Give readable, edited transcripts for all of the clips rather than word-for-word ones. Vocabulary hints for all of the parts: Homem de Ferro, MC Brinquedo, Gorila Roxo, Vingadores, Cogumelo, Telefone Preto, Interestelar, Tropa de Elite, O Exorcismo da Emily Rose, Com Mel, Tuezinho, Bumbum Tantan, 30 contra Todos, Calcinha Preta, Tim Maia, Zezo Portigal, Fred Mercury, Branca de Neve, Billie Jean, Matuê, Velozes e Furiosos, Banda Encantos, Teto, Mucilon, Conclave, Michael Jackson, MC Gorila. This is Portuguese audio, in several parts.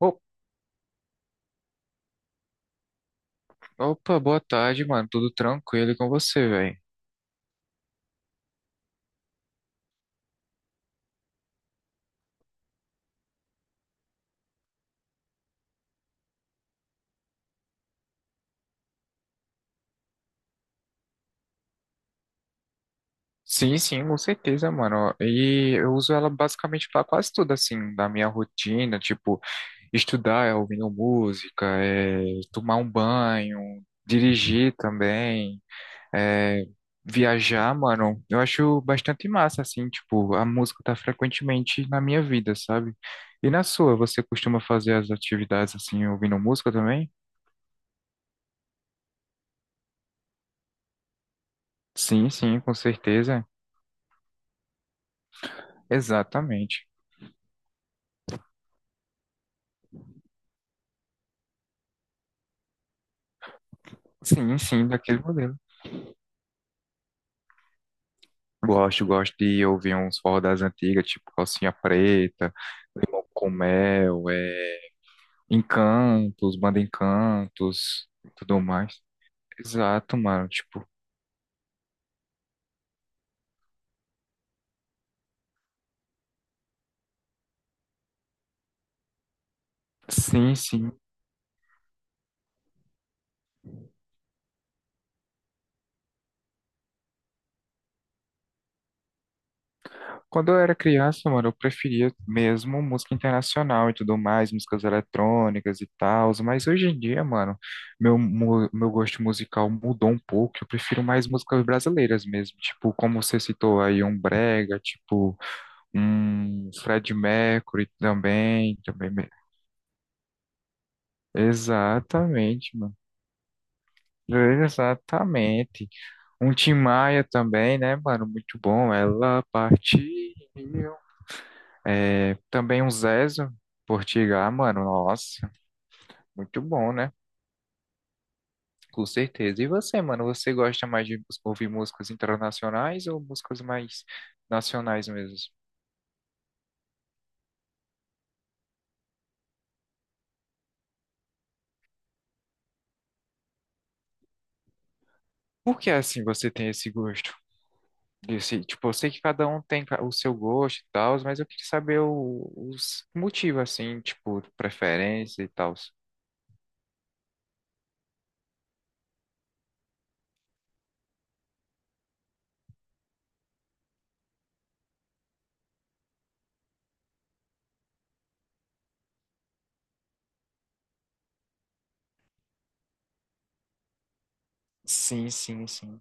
Op- Opa, boa tarde, mano. Tudo tranquilo e com você, velho? Sim, sim, com certeza, mano. E eu uso ela basicamente pra quase tudo, assim, da minha rotina, tipo, estudar, ouvindo música, tomar um banho, dirigir também, é, viajar, mano. Eu acho bastante massa, assim, tipo, a música tá frequentemente na minha vida, sabe? E na sua, você costuma fazer as atividades, assim, ouvindo música também? Sim, sim, com certeza. Exatamente. Sim, sim, daquele modelo. Gosto, gosto de ouvir uns forró das antigas, tipo Calcinha Preta, Com Mel, é, Encantos, Banda Encantos, tudo mais. Exato, mano, tipo, sim, sim. Quando eu era criança, mano, eu preferia mesmo música internacional e tudo mais, músicas eletrônicas e tal, mas hoje em dia, mano, meu gosto musical mudou um pouco, eu prefiro mais músicas brasileiras mesmo, tipo, como você citou aí, um brega, tipo Fred Mercury também, também. Exatamente, mano. Exatamente. Um Tim Maia também, né, mano? Muito bom. Ela partiu. É, também um Zezo Portigal, mano. Nossa, muito bom, né? Com certeza. E você, mano? Você gosta mais de ouvir músicas internacionais ou músicas mais nacionais mesmo? Por que assim você tem esse gosto? Disse, tipo, eu sei que cada um tem o seu gosto e tal, mas eu queria saber os motivos, assim, tipo, preferência e tal. Sim, sim, sim.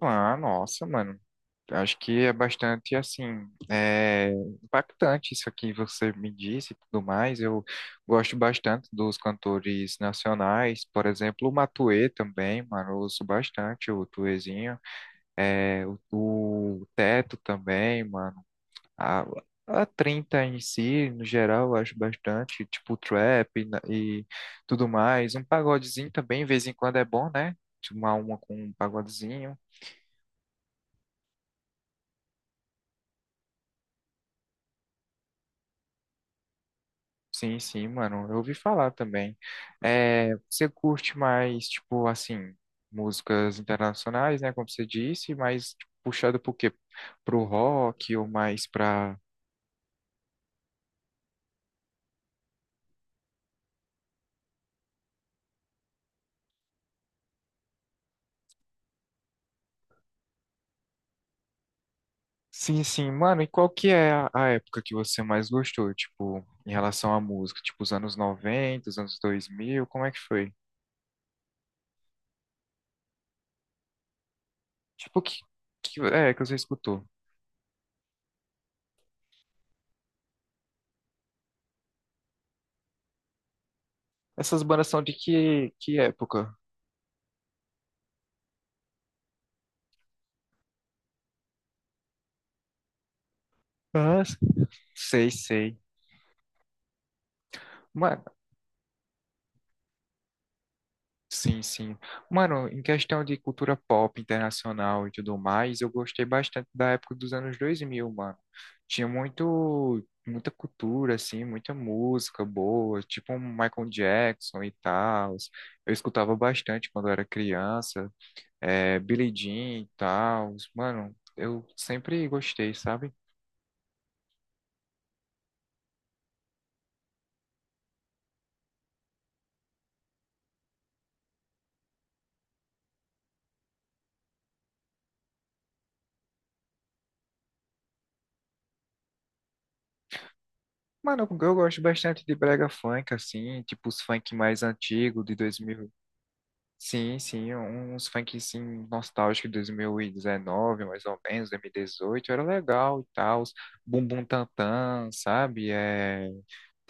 Ah, nossa, mano. Acho que é bastante, assim, é, impactante isso aqui que você me disse e tudo mais. Eu gosto bastante dos cantores nacionais, por exemplo, o Matuê também, mano. Eu ouço bastante o Tuezinho. É, o, o Teto também, mano. A, a 30 em si, no geral, eu acho bastante, tipo trap e tudo mais. Um pagodezinho também, de vez em quando é bom, né? Tipo, Uma com um pagodezinho. Sim, sim, mano, eu ouvi falar também. É, você curte mais, tipo, assim, músicas internacionais, né? Como você disse, mas tipo, puxado pro quê? Pro rock ou mais pra sim, sim. Mano, e qual que é a época que você mais gostou, tipo, em relação à música? Tipo, os anos 90 os anos 2000 como é que foi? Tipo, que é que você escutou? Essas bandas são de que época? Ah, sei, sei. Sim, sim. Mano, em questão de cultura pop internacional e tudo mais, eu gostei bastante da época dos anos 2000, mano. Tinha muita cultura, assim, muita música boa, tipo um Michael Jackson e tal. Eu escutava bastante quando eu era criança, é, Billie Jean e tal. Mano, eu sempre gostei, sabe? Mano, eu gosto bastante de brega funk, assim, tipo os funk mais antigos, de sim, sim, uns funk assim, nostálgico de 2019, mais ou menos, 2018, era legal e tal. Bumbum Tantan, sabe? É...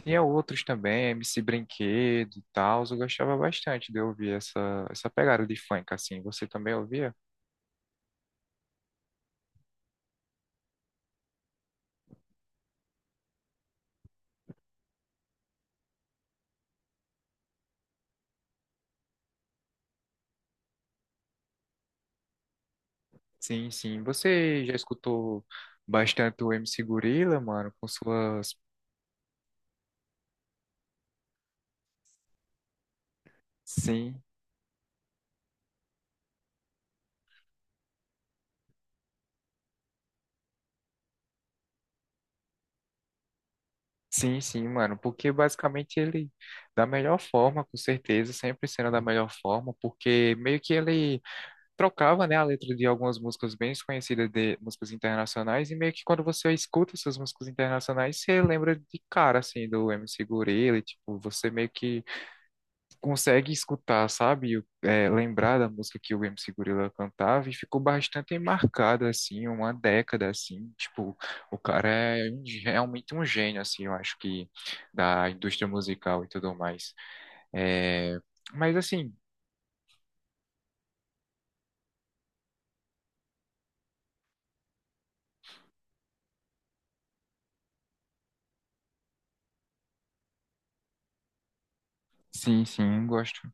Tinha outros também, MC Brinquedo e tal. Eu gostava bastante de ouvir essa pegada de funk, assim. Você também ouvia? Sim, sim. Você já escutou bastante o MC Gorila, mano, com suas. Sim. Sim, sim, mano, porque basicamente ele, da melhor forma, com certeza, sempre sendo da melhor forma, porque meio que ele trocava, né, a letra de algumas músicas bem conhecidas de músicas internacionais, e meio que quando você escuta essas músicas internacionais, você lembra de cara, assim, do MC Gorilla, e, tipo, você meio que consegue escutar, sabe? É, lembrar da música que o MC Gorilla cantava e ficou bastante marcado, assim, uma década, assim, tipo, o cara é realmente um gênio, assim, eu acho que da indústria musical e tudo mais. É, mas assim, sim, sim, gosto.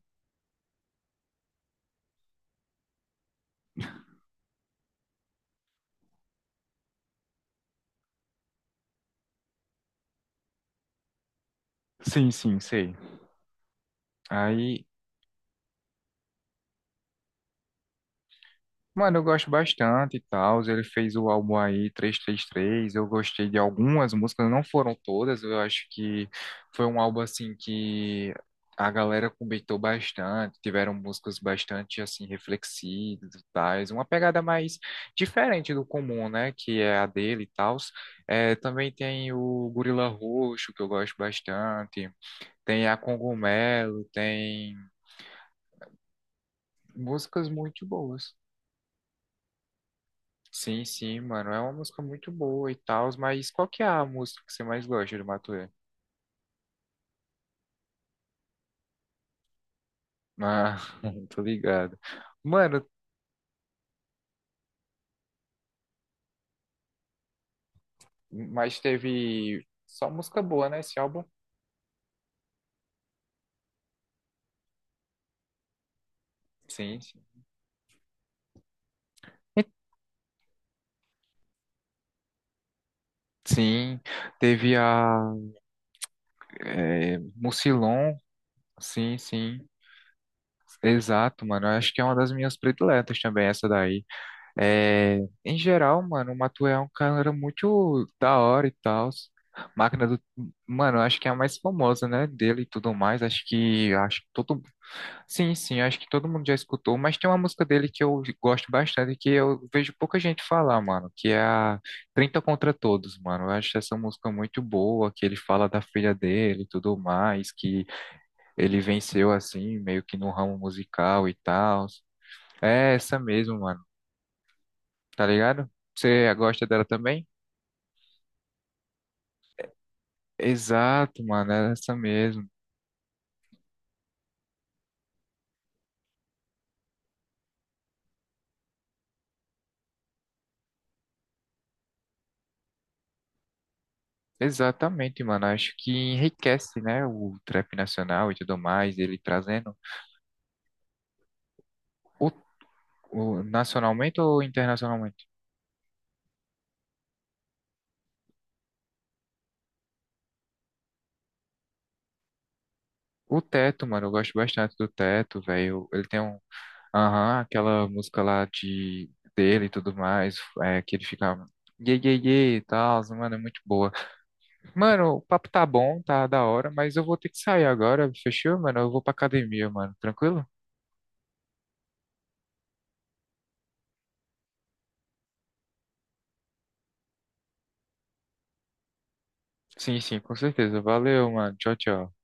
Sim, sim, sei. Aí, mano, eu gosto bastante e tal. Ele fez o álbum aí três três três. Eu gostei de algumas músicas, não foram todas. Eu acho que foi um álbum assim que a galera comentou bastante. Tiveram músicas bastante assim reflexivas e tais. Uma pegada mais diferente do comum, né? Que é a dele e tal. É, também tem o Gorila Roxo, que eu gosto bastante. Tem a Cogumelo, tem músicas muito boas. Sim, sim, mano. É uma música muito boa e tal, mas qual que é a música que você mais gosta do Matuê? Ah, tô ligado. Mano, mas teve só música boa, né, esse álbum? Sim, sim. E- Sim, teve a Mucilon, sim, sim. Exato, mano. Eu acho que é uma das minhas prediletas também, essa daí. É, em geral, mano, o Matuê é um cara muito da hora e tal. Máquina do. Mano, acho que é a mais famosa, né? Dele e tudo mais. Acho que. Acho que todo. Sim, sim, acho que todo mundo já escutou. Mas tem uma música dele que eu gosto bastante e que eu vejo pouca gente falar, mano. Que é a 30 contra Todos, mano. Eu acho essa música muito boa, que ele fala da filha dele e tudo mais, que ele venceu assim, meio que no ramo musical e tal. É essa mesmo, mano, tá ligado? Você gosta dela também? Exato, mano, é essa mesmo. Exatamente, mano. Acho que enriquece, né, o trap nacional e tudo mais, ele trazendo o, o- nacionalmente ou internacionalmente? O Teto, mano, eu gosto bastante do Teto, velho. Ele tem um, aham, aquela música lá de dele e tudo mais, é, que ele fica ye ye ye e tal, mano, é muito boa. Mano, o papo tá bom, tá da hora, mas eu vou ter que sair agora, fechou, mano? Eu vou pra academia, mano. Tranquilo? Sim, sim, com certeza. Valeu, mano. Tchau, tchau.